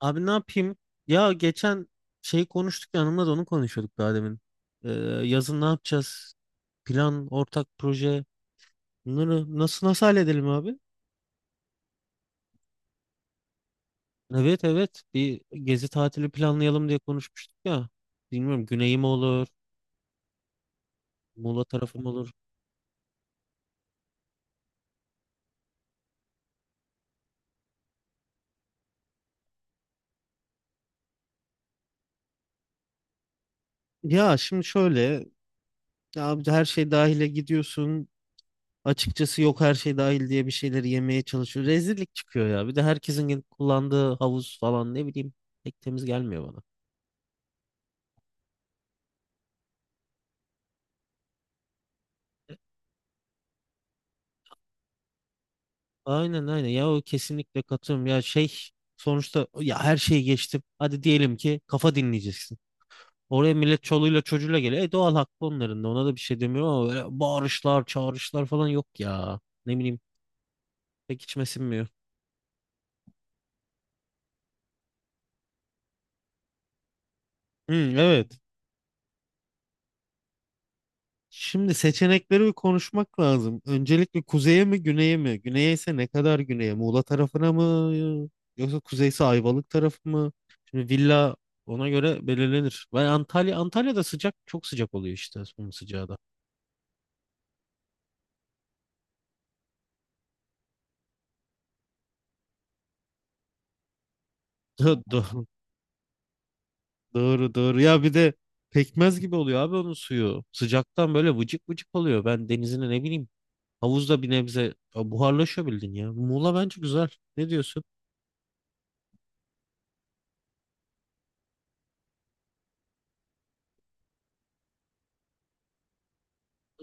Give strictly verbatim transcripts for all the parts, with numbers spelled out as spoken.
Abi ne yapayım? Ya geçen şey konuştuk yanımda da onu konuşuyorduk daha demin. Ee, Yazın ne yapacağız? Plan, ortak proje. Bunları nasıl nasıl halledelim abi? Evet, evet, bir gezi tatili planlayalım diye konuşmuştuk ya. Bilmiyorum, güney mi olur, Muğla tarafı mı olur? Ya şimdi şöyle, ya abi her şey dahile gidiyorsun. Açıkçası yok, her şey dahil diye bir şeyleri yemeye çalışıyor. Rezillik çıkıyor ya. Bir de herkesin kullandığı havuz falan, ne bileyim, pek temiz gelmiyor bana. Aynen, aynen ya, o kesinlikle katılıyorum ya, şey, sonuçta ya her şeyi geçtim, hadi diyelim ki kafa dinleyeceksin, oraya millet çoluğuyla çocuğuyla geliyor, e doğal hakkı, onların da, ona da bir şey demiyorum ama böyle bağırışlar çağrışlar falan yok ya, ne bileyim, pek içime sinmiyor. Hı, evet. Şimdi seçenekleri bir konuşmak lazım. Öncelikle kuzeye mi güneye mi? Güneye ise ne kadar güneye? Muğla tarafına mı? Yoksa kuzeyse Ayvalık tarafı mı? Şimdi villa ona göre belirlenir. Ben Antalya Antalya'da sıcak, çok sıcak oluyor işte, bunun sıcağı da. Doğru, doğru, doğru. Ya bir de pekmez gibi oluyor abi onun suyu. Sıcaktan böyle vıcık vıcık oluyor. Ben denizine, ne bileyim, havuzda bir nebze, ya buharlaşıyor, bildin ya. Muğla bence güzel. Ne diyorsun?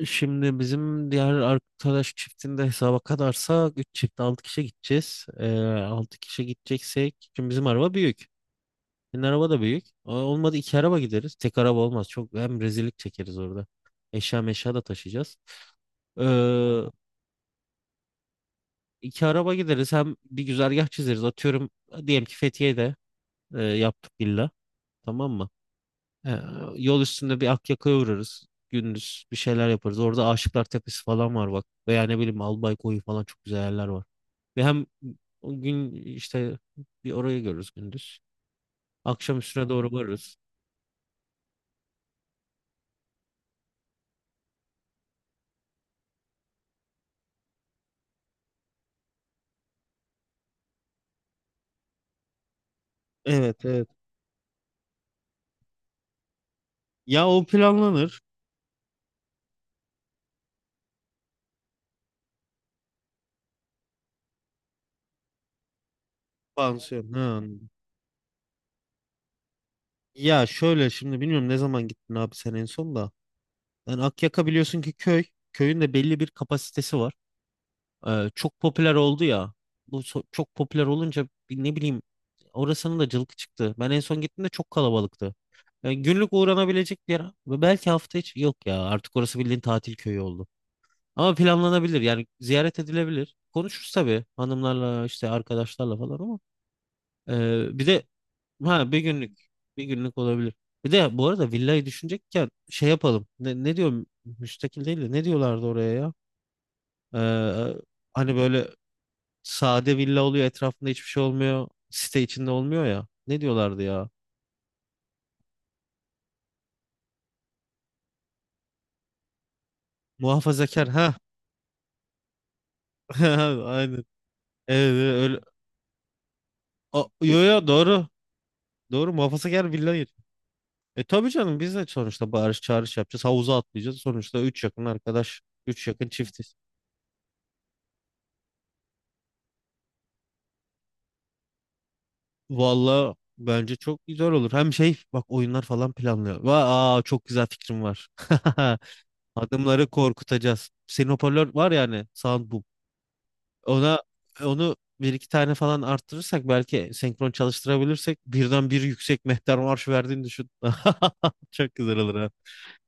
Şimdi bizim diğer arkadaş çiftinde hesaba kadarsa üç çift altı kişi gideceğiz. Ee, altı kişi gideceksek şimdi bizim araba büyük. Senin araba da büyük. O- Olmadı iki araba gideriz. Tek araba olmaz. Çok hem rezillik çekeriz orada. Eşya meşya da taşıyacağız. Ee, iki araba gideriz. Hem bir güzergah çizeriz. Atıyorum, diyelim ki Fethiye'de e, yaptık villa. Tamam mı? Ee, Yol üstünde bir Akyaka'ya uğrarız. Gündüz bir şeyler yaparız. Orada Aşıklar Tepesi falan var bak. Veya ne bileyim Albay Koyu falan çok güzel yerler var. Ve hem o gün işte bir orayı görürüz gündüz. Akşam üstüne doğru varırız. Evet, evet. Ya o planlanır. Pansiyon. Ha, anladım. Ya şöyle şimdi, bilmiyorum ne zaman gittin abi sen en son da. Yani Akyaka biliyorsun ki köy. Köyün de belli bir kapasitesi var. Ee, çok popüler oldu ya. Bu so- çok popüler olunca bir, ne bileyim, orasının da cılkı çıktı. Ben en son gittiğimde çok kalabalıktı. Yani günlük uğranabilecek bir yer ve belki hafta içi, yok ya, artık orası bildiğin tatil köyü oldu. Ama planlanabilir yani, ziyaret edilebilir. Konuşuruz tabii hanımlarla işte arkadaşlarla falan ama ee, bir de, ha, bir günlük bir günlük olabilir. Bir de bu arada villayı düşünecekken şey yapalım. Ne, ne diyorum, müstakil değil de ne diyorlardı oraya ya? Ee, Hani böyle sade villa oluyor, etrafında hiçbir şey olmuyor. Site içinde olmuyor ya. Ne diyorlardı ya? Muhafazakar, ha. Aynen. Evet, evet, öyle. A, yo, yo, doğru. Doğru, muhafazakar villa yeri. E tabii canım, biz de sonuçta bağırış çağırış yapacağız. Havuza atlayacağız. Sonuçta üç yakın arkadaş. Üç yakın çiftiz. Valla bence çok güzel olur. Hem şey bak, oyunlar falan planlıyor. Va aa, çok güzel fikrim var. Adımları korkutacağız. Senin hoparlör var yani. Sound. Ona onu bir iki tane falan arttırırsak, belki senkron çalıştırabilirsek, birden bir yüksek mehter marş verdiğini düşün. Çok güzel olur, ha.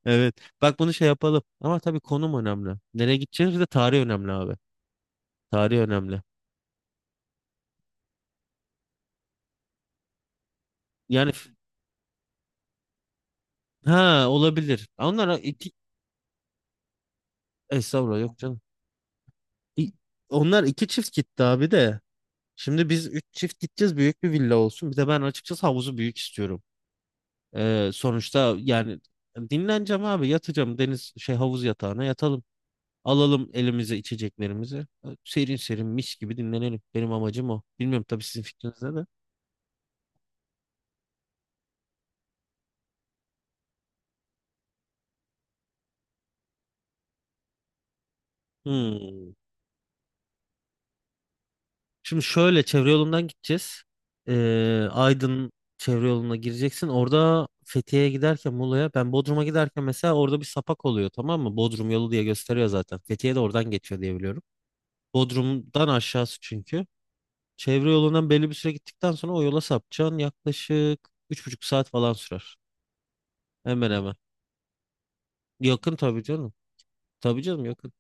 Evet. Bak, bunu şey yapalım. Ama tabii konum önemli. Nereye gideceğiz? Bir de tarih önemli abi. Tarih önemli. Yani f- ha, olabilir. Onlar iki. Estağfurullah, yok canım. İ- Onlar iki çift gitti abi de. Şimdi biz üç çift gideceğiz. Büyük bir villa olsun. Bir de ben açıkçası havuzu büyük istiyorum. Ee, sonuçta yani, dinleneceğim abi, yatacağım deniz şey havuz yatağına yatalım. Alalım elimize içeceklerimizi. Serin serin mis gibi dinlenelim. Benim amacım o. Bilmiyorum tabii, sizin fikrinizde de. Hmm. Şimdi şöyle, çevre yolundan gideceğiz. Ee, Aydın çevre yoluna gireceksin. Orada Fethiye'ye giderken, Muğla'ya, ben Bodrum'a giderken mesela orada bir sapak oluyor, tamam mı? Bodrum yolu diye gösteriyor zaten. Fethiye de oradan geçiyor diye biliyorum. Bodrum'dan aşağısı çünkü. Çevre yolundan belli bir süre gittikten sonra o yola sapacaksın. Yaklaşık üç buçuk saat falan sürer. Hemen hemen. Yakın tabii canım. Tabii canım, yakın.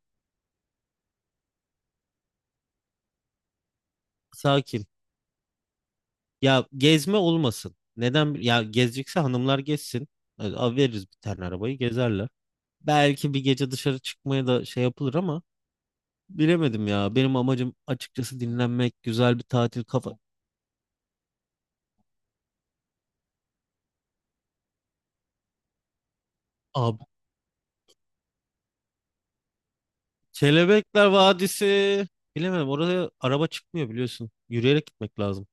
Sakin. Ya gezme olmasın. Neden? Ya gezecekse hanımlar gezsin. Hadi al veririz bir tane arabayı, gezerler. Belki bir gece dışarı çıkmaya da şey yapılır ama bilemedim ya. Benim amacım açıkçası dinlenmek, güzel bir tatil kafa. Abi Kelebekler Vadisi. Bilemedim, oraya araba çıkmıyor biliyorsun. Yürüyerek gitmek lazım.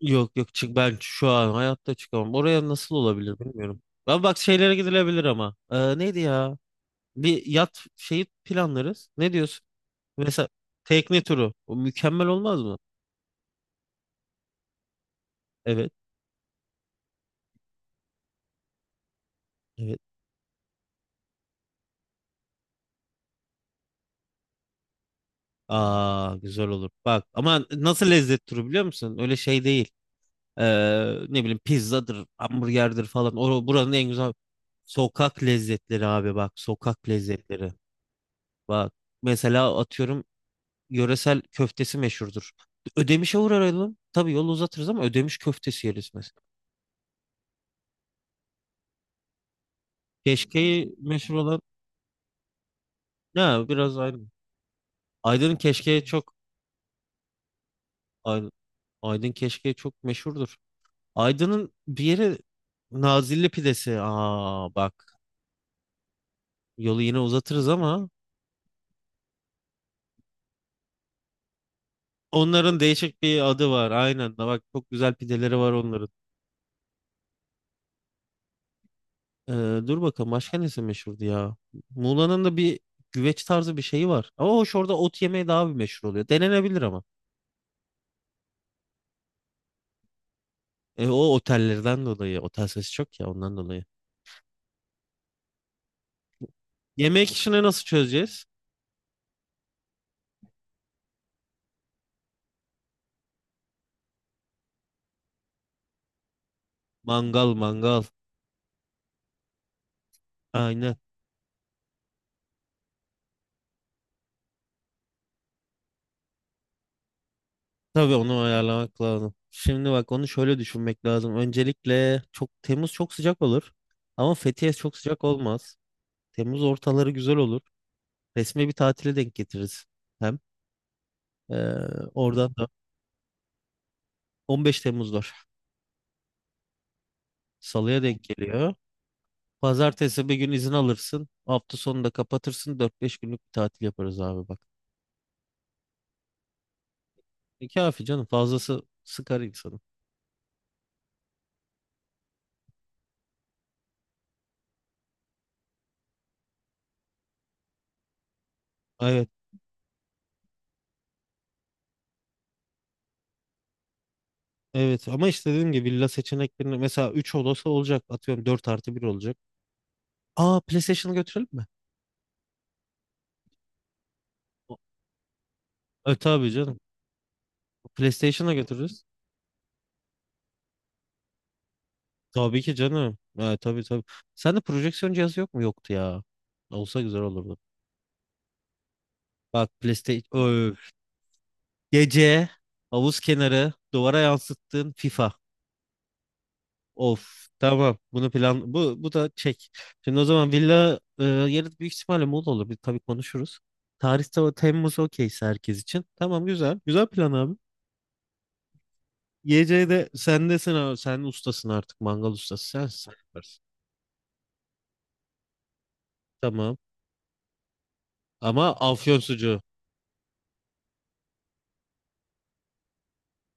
Yok, yok, çık, ben şu an hayatta çıkamam. Oraya nasıl olabilir bilmiyorum. Ben bak şeylere gidilebilir ama. Ee, neydi ya? Bir yat şeyi planlarız. Ne diyorsun? Mesela tekne turu. O mükemmel olmaz mı? Evet. Evet. Aa, güzel olur. Bak ama, nasıl lezzet turu biliyor musun? Öyle şey değil. Ee, Ne bileyim pizzadır, hamburgerdir falan. O, buranın en güzel sokak lezzetleri abi bak. Sokak lezzetleri. Bak, mesela atıyorum, yöresel köftesi meşhurdur. Ödemiş'e uğrayalım. Tabii yolu uzatırız ama Ödemiş köftesi yeriz mesela. Keşke'yi meşhur olan, ne, biraz aynı. Aydın'ın keşkeği çok. Aydın, Aydın keşkeği çok meşhurdur. Aydın'ın bir yeri Nazilli pidesi. Aa bak, yolu yine uzatırız ama onların değişik bir adı var. Aynen, da bak, çok güzel pideleri var onların. Ee, Dur bakalım başka nesi meşhurdu ya? Muğla'nın da bir güveç tarzı bir şeyi var. Ama hoş, orada ot yemeği daha bir meşhur oluyor. Denenebilir ama. E, o otellerden dolayı. Otel sesi çok ya, ondan dolayı. Yemek işini nasıl çözeceğiz? Mangal, mangal. Aynen. Tabii onu ayarlamak lazım. Şimdi bak, onu şöyle düşünmek lazım. Öncelikle çok, Temmuz çok sıcak olur. Ama Fethiye çok sıcak olmaz. Temmuz ortaları güzel olur. Resmi bir tatile denk getiririz. Hem e, oradan da on beş Temmuz var. Salıya denk geliyor. Pazartesi bir gün izin alırsın. Hafta sonu da kapatırsın. Dört beş günlük bir tatil yaparız abi bak. E, kafi canım, fazlası sıkar insanı. Evet, evet, ama işte dediğim gibi villa seçeneklerinde mesela üç odası olacak, atıyorum dört artı bir olacak. Aa, PlayStation'ı götürelim mi? E tabii canım. PlayStation'a götürürüz. Tabii ki canım. E, tabii, tabii. Sende projeksiyon cihazı yok mu? Yoktu ya. Olsa güzel olurdu. Bak, PlayStation. Öf. Gece havuz kenarı duvara yansıttığın FIFA. Of, tamam, bunu plan, bu bu da çek. Şimdi o zaman villa e, yarın büyük ihtimalle Muğla olur. Bir, tabii konuşuruz. Tarihte o Temmuz okeyse herkes için. Tamam, güzel. Güzel plan abi. Geceye de sendesin abi. Sen ustasın artık. Mangal ustası sensin. Sen yaparsın. Tamam. Ama afyon sucuğu.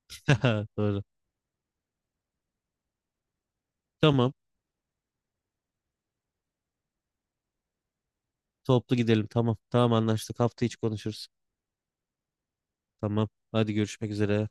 Doğru. Tamam. Toplu gidelim. Tamam. Tamam, anlaştık. Hafta içi konuşuruz. Tamam. Hadi görüşmek üzere.